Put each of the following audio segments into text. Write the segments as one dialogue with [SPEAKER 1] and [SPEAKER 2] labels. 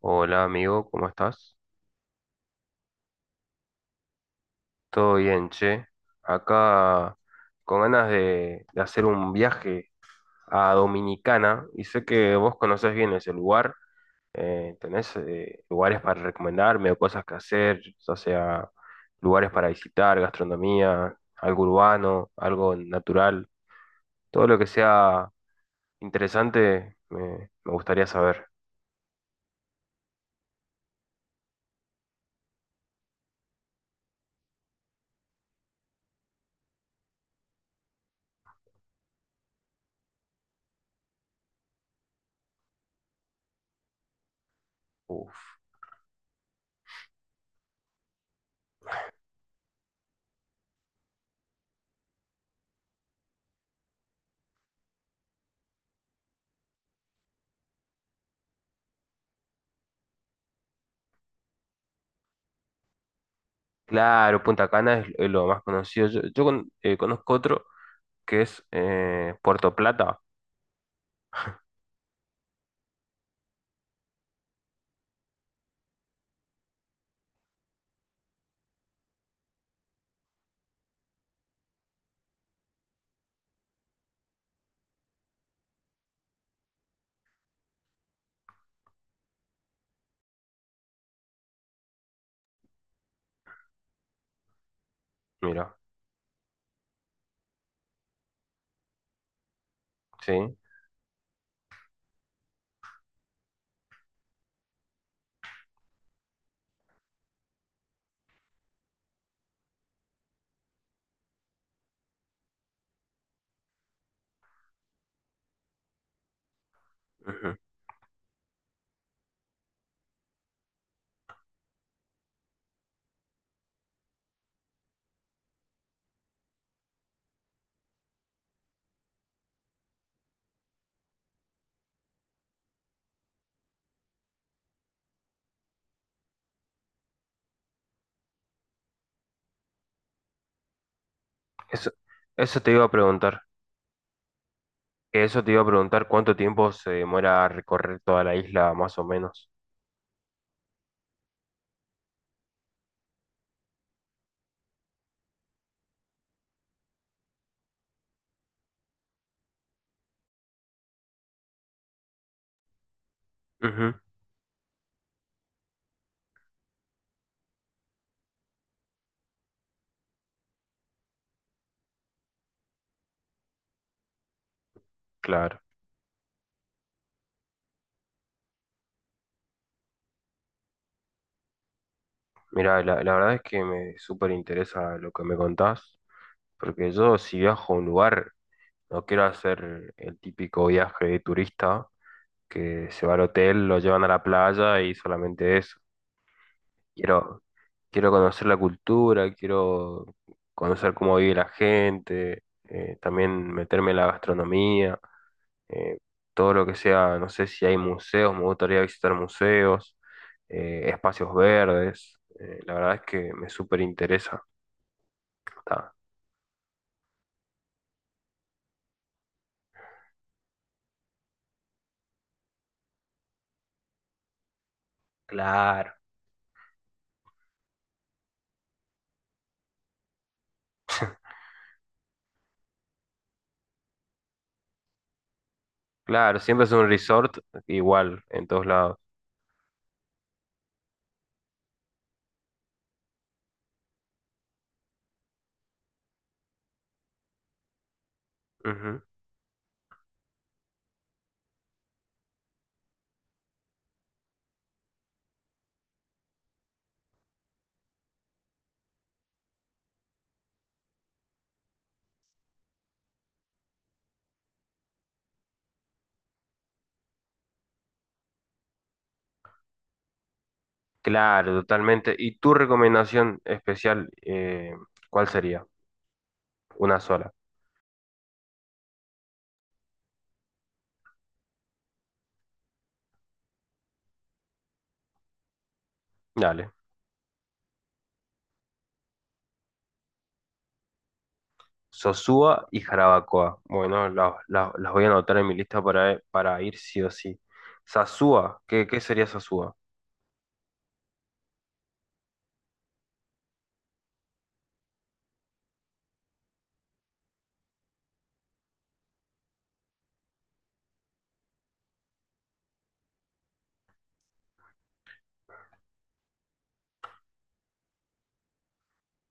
[SPEAKER 1] Hola amigo, ¿cómo estás? Todo bien, che. Acá con ganas de hacer un viaje a Dominicana y sé que vos conocés bien ese lugar. ¿Tenés lugares para recomendarme o cosas que hacer? O sea, lugares para visitar, gastronomía, algo urbano, algo natural. Todo lo que sea interesante me gustaría saber. Uf. Claro, Punta Cana es lo más conocido. Yo conozco otro. Que es Puerto Plata. Mira, sí. Ujú. Eso, eso te iba a preguntar. Eso te iba a preguntar cuánto tiempo se demora recorrer toda la isla, más o menos. Ujú. Claro. Mira, la verdad es que me súper interesa lo que me contás, porque yo si viajo a un lugar, no quiero hacer el típico viaje de turista que se va al hotel, lo llevan a la playa y solamente eso. Quiero, quiero conocer la cultura, quiero conocer cómo vive la gente, también meterme en la gastronomía, eh, todo lo que sea, no sé si hay museos, me gustaría visitar museos, espacios verdes, la verdad es que me súper interesa. Está. Claro, claro, siempre es un resort igual en todos lados. Ujú. Claro, totalmente. ¿Y tu recomendación especial, cuál sería? Una sola. Dale. Sosúa y Jarabacoa. Bueno, las voy a anotar en mi lista para ir sí o sí. Sasúa, ¿qué, qué sería Sasúa?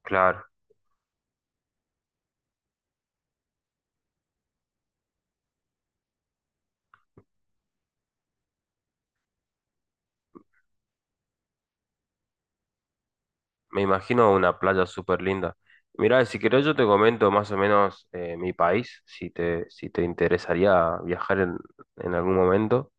[SPEAKER 1] Claro, me imagino una playa súper linda. Mirá, si querés yo te comento más o menos mi país, si te, si te interesaría viajar en algún momento.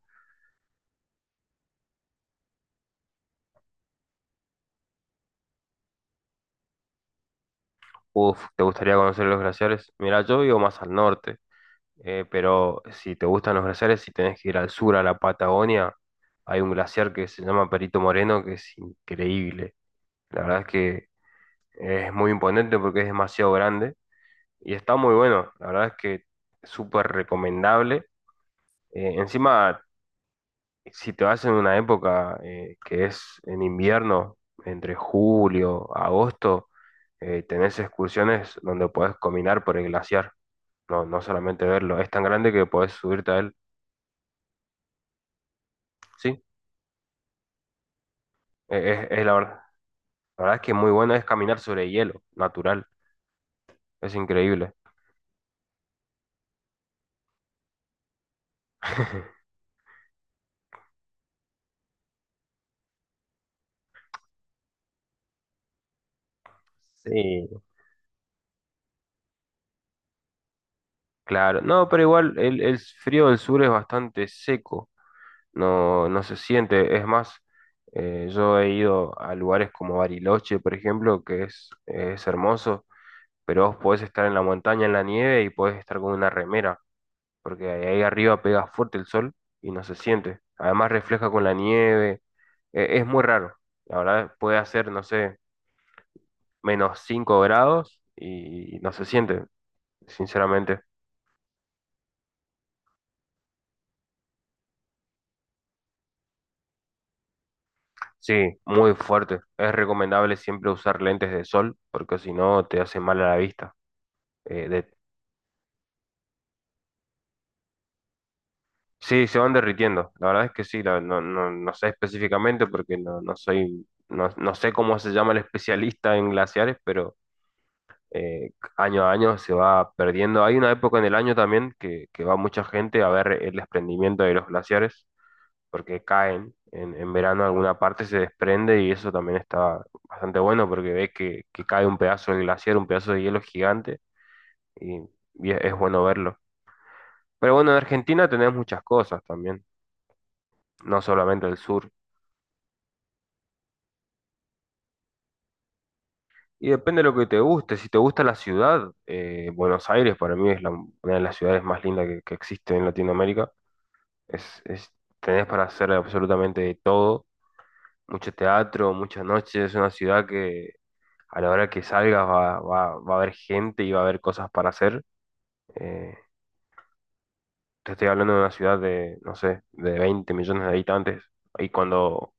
[SPEAKER 1] Uf, ¿te gustaría conocer los glaciares? Mirá, yo vivo más al norte, pero si te gustan los glaciares, si tenés que ir al sur, a la Patagonia, hay un glaciar que se llama Perito Moreno, que es increíble. La verdad es que es muy imponente porque es demasiado grande y está muy bueno. La verdad es que es súper recomendable. Encima, si te vas en una época que es en invierno, entre julio, agosto, tenés excursiones donde podés caminar por el glaciar. No, no solamente verlo. Es tan grande que podés subirte a él. Sí, es la verdad. La verdad es que muy bueno es caminar sobre hielo, natural. Es increíble. Sí, claro, no, pero igual el frío del sur es bastante seco, no, no se siente. Es más, yo he ido a lugares como Bariloche, por ejemplo, que es hermoso, pero vos podés estar en la montaña, en la nieve y podés estar con una remera, porque ahí arriba pega fuerte el sol y no se siente. Además refleja con la nieve, es muy raro. La verdad, puede hacer, no sé, -5 grados y no se siente, sinceramente. Sí, muy fuerte. Es recomendable siempre usar lentes de sol porque si no te hace mal a la vista. Eh, de- Sí, se van derritiendo. La verdad es que sí, no, no sé específicamente porque no, no soy, no, no sé cómo se llama el especialista en glaciares, pero eh, año a año se va perdiendo. Hay una época en el año también que va mucha gente a ver el desprendimiento de los glaciares. Porque caen en verano alguna parte se desprende y eso también está bastante bueno porque ves que cae un pedazo de glaciar, un pedazo de hielo gigante y, y es bueno verlo. Pero bueno, en Argentina tenés muchas cosas también, no solamente el sur. Y depende de lo que te guste. Si te gusta la ciudad, Buenos Aires para mí es una de las ciudades más lindas que existe en Latinoamérica. Es, es- tenés para hacer absolutamente de todo, mucho teatro, muchas noches. Es una ciudad que a la hora que salgas va a haber gente y va a haber cosas para hacer. Eh, te estoy hablando de una ciudad de, no sé, de 20 millones de habitantes. Y cuando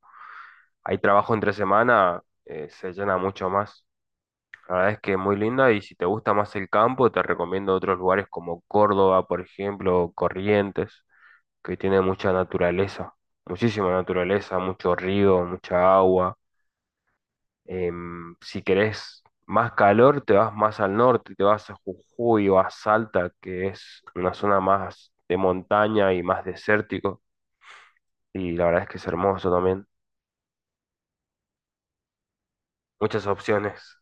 [SPEAKER 1] hay trabajo entre semana, se llena mucho más. La verdad es que es muy linda y si te gusta más el campo, te recomiendo otros lugares como Córdoba, por ejemplo, o Corrientes, que tiene mucha naturaleza, muchísima naturaleza, mucho río, mucha agua. Si querés más calor, te vas más al norte, te vas a Jujuy o a Salta, que es una zona más de montaña y más desértico. Y la verdad es que es hermoso también. Muchas opciones.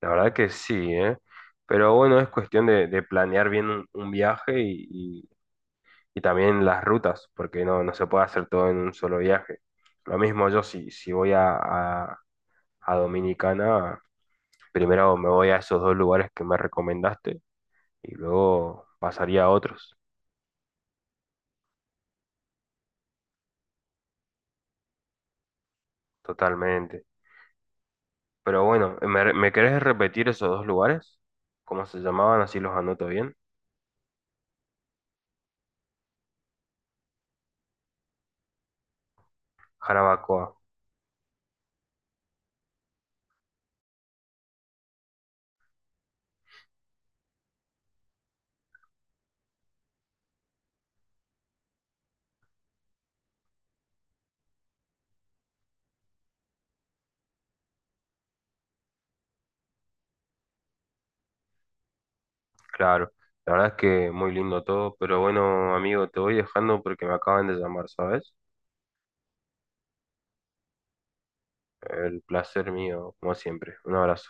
[SPEAKER 1] La verdad que sí, ¿eh? Pero bueno, es cuestión de planear bien un viaje y y también las rutas, porque no, no se puede hacer todo en un solo viaje. Lo mismo yo, si, si voy a a Dominicana, primero me voy a esos dos lugares que me recomendaste y luego pasaría a otros, totalmente. Pero bueno, me querés repetir esos dos lugares? ¿Cómo se llamaban? Así los anoto bien. Jarabacoa, claro. La verdad es que muy lindo todo, pero bueno, amigo, te voy dejando porque me acaban de llamar, ¿sabes? El placer mío, como siempre. Un abrazo.